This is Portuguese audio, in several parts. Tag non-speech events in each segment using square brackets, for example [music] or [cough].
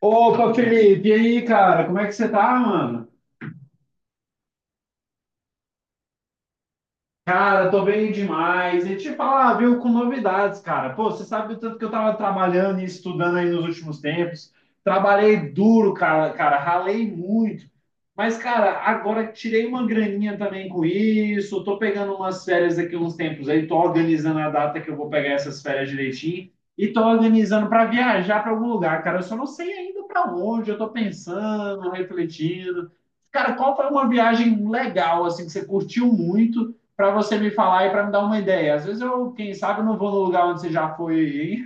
Opa, Felipe, e aí, cara, como é que você tá, mano? Cara, tô bem demais. E te falar, viu, com novidades, cara. Pô, você sabe o tanto que eu tava trabalhando e estudando aí nos últimos tempos. Trabalhei duro, cara, ralei muito. Mas, cara, agora tirei uma graninha também com isso. Tô pegando umas férias daqui uns tempos aí. Tô organizando a data que eu vou pegar essas férias direitinho. E tô organizando para viajar para algum lugar, cara. Eu só não sei ainda para onde. Eu tô pensando, refletindo. Cara, qual foi uma viagem legal, assim, que você curtiu muito? Para você me falar e para me dar uma ideia. Às vezes eu, quem sabe, eu não vou no lugar onde você já foi, hein?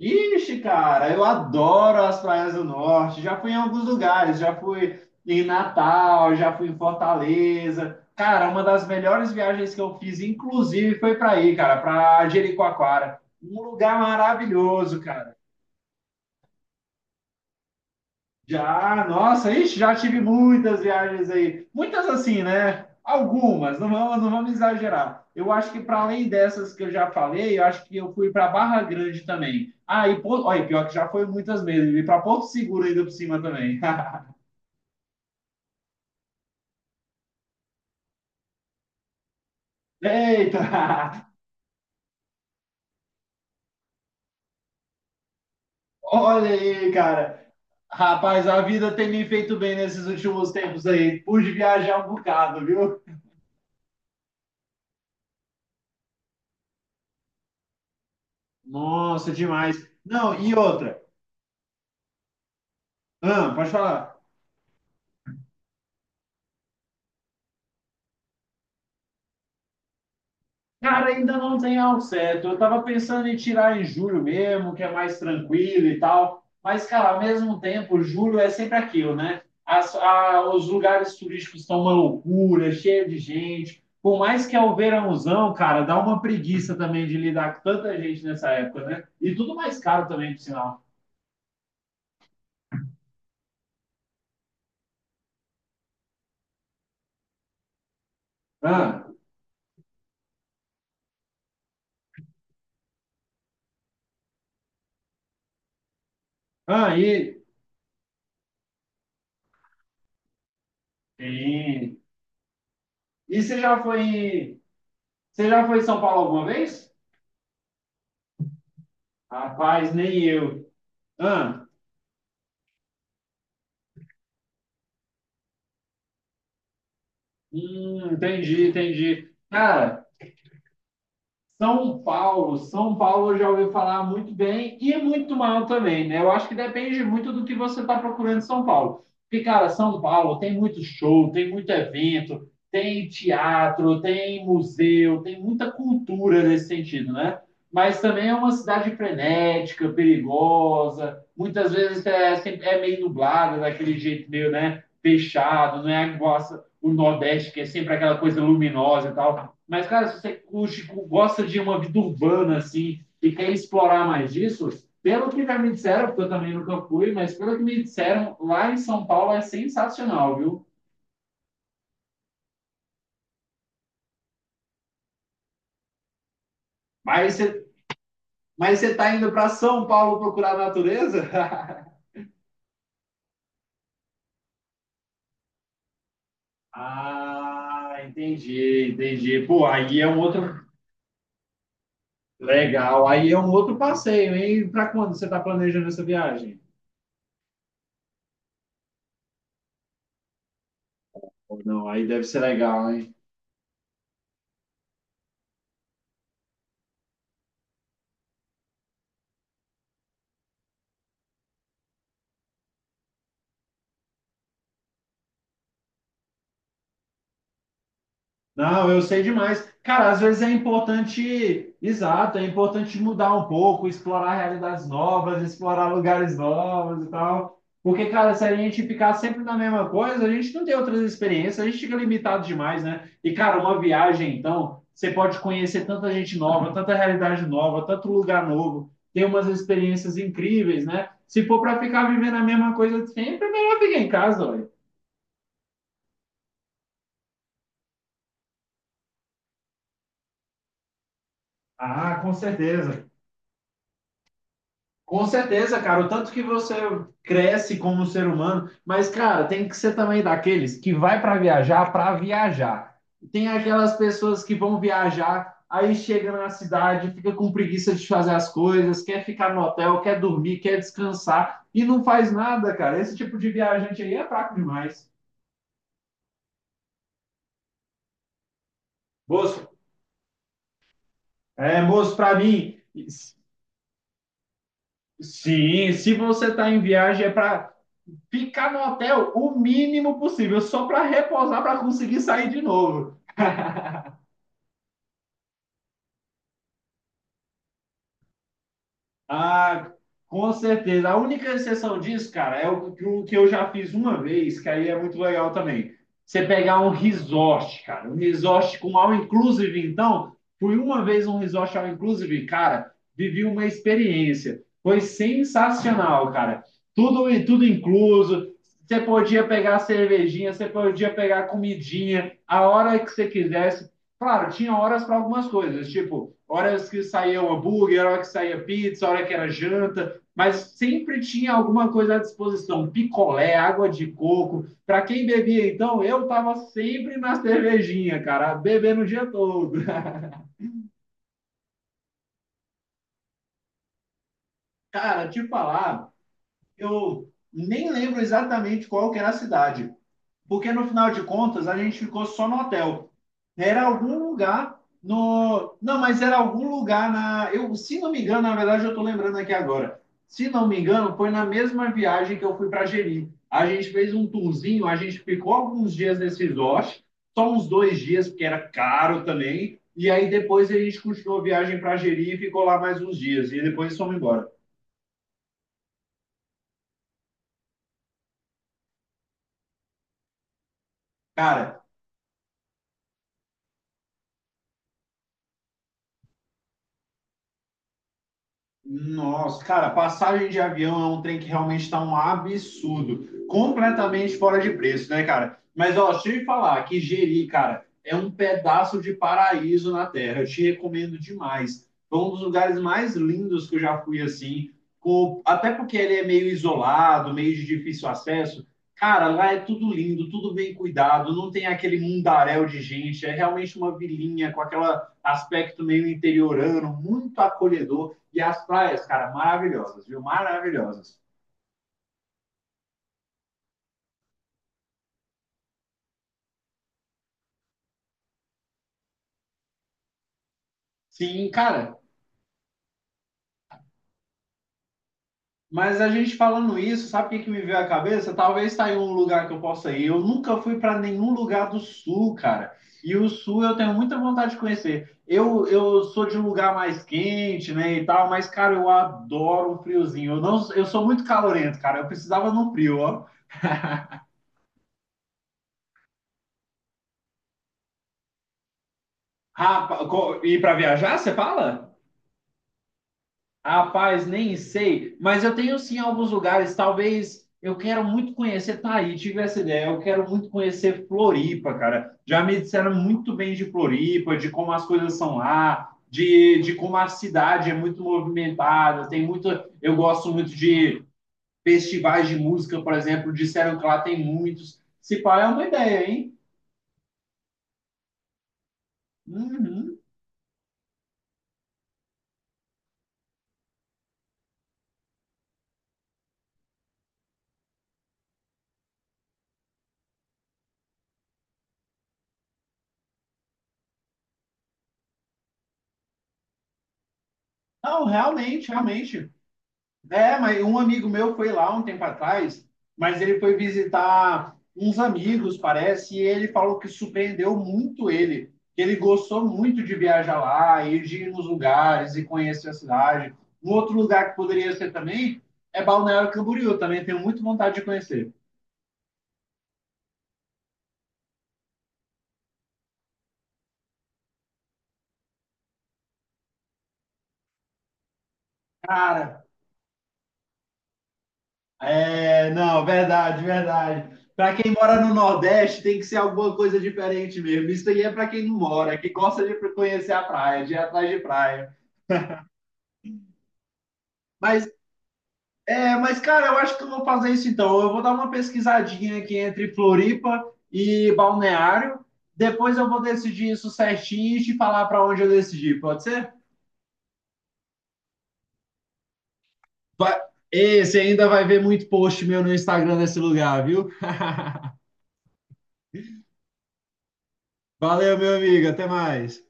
Ixi, cara, eu adoro as praias do norte. Já fui em alguns lugares, já fui em Natal, já fui em Fortaleza. Cara, uma das melhores viagens que eu fiz, inclusive, foi para aí, cara, para Jericoacoara. Um lugar maravilhoso, cara. Já, nossa, ixi, já tive muitas viagens aí. Muitas assim, né? Algumas, não vamos exagerar. Eu acho que para além dessas que eu já falei, eu acho que eu fui para Barra Grande também. Ah, e Porto, olha, pior que já foi muitas mesmo. E para Porto Seguro ainda por cima também. [laughs] Eita! [laughs] Olha aí, cara. Rapaz, a vida tem me feito bem nesses últimos tempos aí. Pude viajar um bocado, viu? Nossa, demais. Não, e outra? Ah, pode falar. Cara, ainda não tem ao certo. Eu tava pensando em tirar em julho mesmo, que é mais tranquilo e tal. Mas, cara, ao mesmo tempo, julho é sempre aquilo, né? Os lugares turísticos estão uma loucura, cheio de gente. Por mais que é o verãozão, cara, dá uma preguiça também de lidar com tanta gente nessa época, né? E tudo mais caro também, por sinal. Ah, ah, e, e, e você já foi em São Paulo alguma vez? Rapaz, nem eu. Ah. Entendi, entendi. Cara, São Paulo eu já ouvi falar muito bem e muito mal também, né? Eu acho que depende muito do que você está procurando em São Paulo. Porque, cara, São Paulo tem muito show, tem muito evento, tem teatro, tem museu, tem muita cultura nesse sentido, né? Mas também é uma cidade frenética, perigosa, muitas vezes é, é meio nublada, daquele jeito meio, né? Fechado, não é o Nordeste, que é sempre aquela coisa luminosa e tal. Mas, cara, se você curte, gosta de uma vida urbana, assim, e quer explorar mais disso, pelo que já me disseram, porque eu também nunca fui, mas pelo que me disseram, lá em São Paulo é sensacional, viu? Mas você, mas você tá indo para São Paulo procurar natureza? [laughs] Ah, entendi, entendi. Pô, aí é um outro. Legal, aí é um outro passeio, hein? Para quando você tá planejando essa viagem? Ou não, aí deve ser legal, hein? Não, eu sei demais. Cara, às vezes é importante, exato, é importante mudar um pouco, explorar realidades novas, explorar lugares novos e tal. Porque, cara, se a gente ficar sempre na mesma coisa, a gente não tem outras experiências, a gente fica limitado demais, né? E, cara, uma viagem, então, você pode conhecer tanta gente nova, tanta realidade nova, tanto lugar novo, ter umas experiências incríveis, né? Se for para ficar vivendo a mesma coisa sempre, é melhor ficar em casa, olha. Ah, com certeza. Com certeza, cara, o tanto que você cresce como ser humano, mas, cara, tem que ser também daqueles que vai para viajar para viajar. Tem aquelas pessoas que vão viajar, aí chega na cidade, fica com preguiça de fazer as coisas, quer ficar no hotel, quer dormir, quer descansar e não faz nada, cara. Esse tipo de viajante aí é fraco demais. Moço, moço, para mim, sim, se você tá em viagem é para ficar no hotel o mínimo possível, só para repousar, para conseguir sair de novo. Ah, com certeza. A única exceção disso, cara, é o que eu já fiz uma vez, que aí é muito legal também. Você pegar um resort, cara, um resort com all inclusive, então, fui uma vez um resort all inclusive, cara, vivi uma experiência. Foi sensacional, cara. Tudo incluso. Você podia pegar cervejinha, você podia pegar comidinha, a hora que você quisesse. Claro, tinha horas para algumas coisas, tipo horas que saía um hambúrguer, hora que saía pizza, hora que era janta, mas sempre tinha alguma coisa à disposição, picolé, água de coco. Para quem bebia, então, eu tava sempre na cervejinha, cara, bebendo o dia todo. Cara, te falar, eu nem lembro exatamente qual que era a cidade, porque no final de contas a gente ficou só no hotel. Era algum lugar no. Não, mas era algum lugar na. Eu, se não me engano, na verdade eu estou lembrando aqui agora. Se não me engano, foi na mesma viagem que eu fui para Jeri. A gente fez um tourzinho, a gente ficou alguns dias nesse resort, só uns dois dias, porque era caro também. E aí depois a gente continuou a viagem para Jeri e ficou lá mais uns dias. E depois fomos embora. Cara, nossa, cara, passagem de avião é um trem que realmente está um absurdo. Completamente fora de preço, né, cara? Mas, ó, deixa eu te falar que Jeri, cara, é um pedaço de paraíso na Terra. Eu te recomendo demais. Foi um dos lugares mais lindos que eu já fui, assim. Até porque ele é meio isolado, meio de difícil acesso. Cara, lá é tudo lindo, tudo bem cuidado, não tem aquele mundaréu de gente. É realmente uma vilinha com aquele aspecto meio interiorano, muito acolhedor. E as praias, cara, maravilhosas, viu? Maravilhosas. Sim, cara, mas a gente falando isso, sabe o que, que me veio à cabeça? Talvez tá aí um lugar que eu possa ir. Eu nunca fui para nenhum lugar do sul, cara. E o sul eu tenho muita vontade de conhecer. Eu sou de um lugar mais quente, né, e tal, mas, cara, eu adoro um friozinho. Eu, não, eu sou muito calorento, cara. Eu precisava num frio, ó. Rapaz, e para viajar, você fala? Rapaz, nem sei, mas eu tenho sim alguns lugares, talvez eu quero muito conhecer tá aí, tive essa ideia, eu quero muito conhecer Floripa, cara. Já me disseram muito bem de Floripa, de como as coisas são lá, de como a cidade é muito movimentada, tem muito, eu gosto muito de festivais de música, por exemplo, disseram que lá tem muitos. Se pá, é uma ideia, hein? Uhum. Não, realmente, realmente. É, mas um amigo meu foi lá um tempo atrás, mas ele foi visitar uns amigos, parece, e ele falou que surpreendeu muito ele, que ele gostou muito de viajar lá, e de ir nos lugares e conhecer a cidade. Um outro lugar que poderia ser também é Balneário Camboriú, também tenho muito vontade de conhecer. Cara, é, não, verdade, verdade. Para quem mora no Nordeste, tem que ser alguma coisa diferente mesmo. Isso aí é para quem não mora, que gosta de conhecer a praia, de ir atrás de praia. Mas É, mas, cara, eu acho que eu vou fazer isso então. Eu vou dar uma pesquisadinha aqui entre Floripa e Balneário. Depois eu vou decidir isso certinho e te falar para onde eu decidi, pode ser? Vai... Ei, você ainda vai ver muito post meu no Instagram nesse lugar, viu? [laughs] Valeu, meu amigo. Até mais.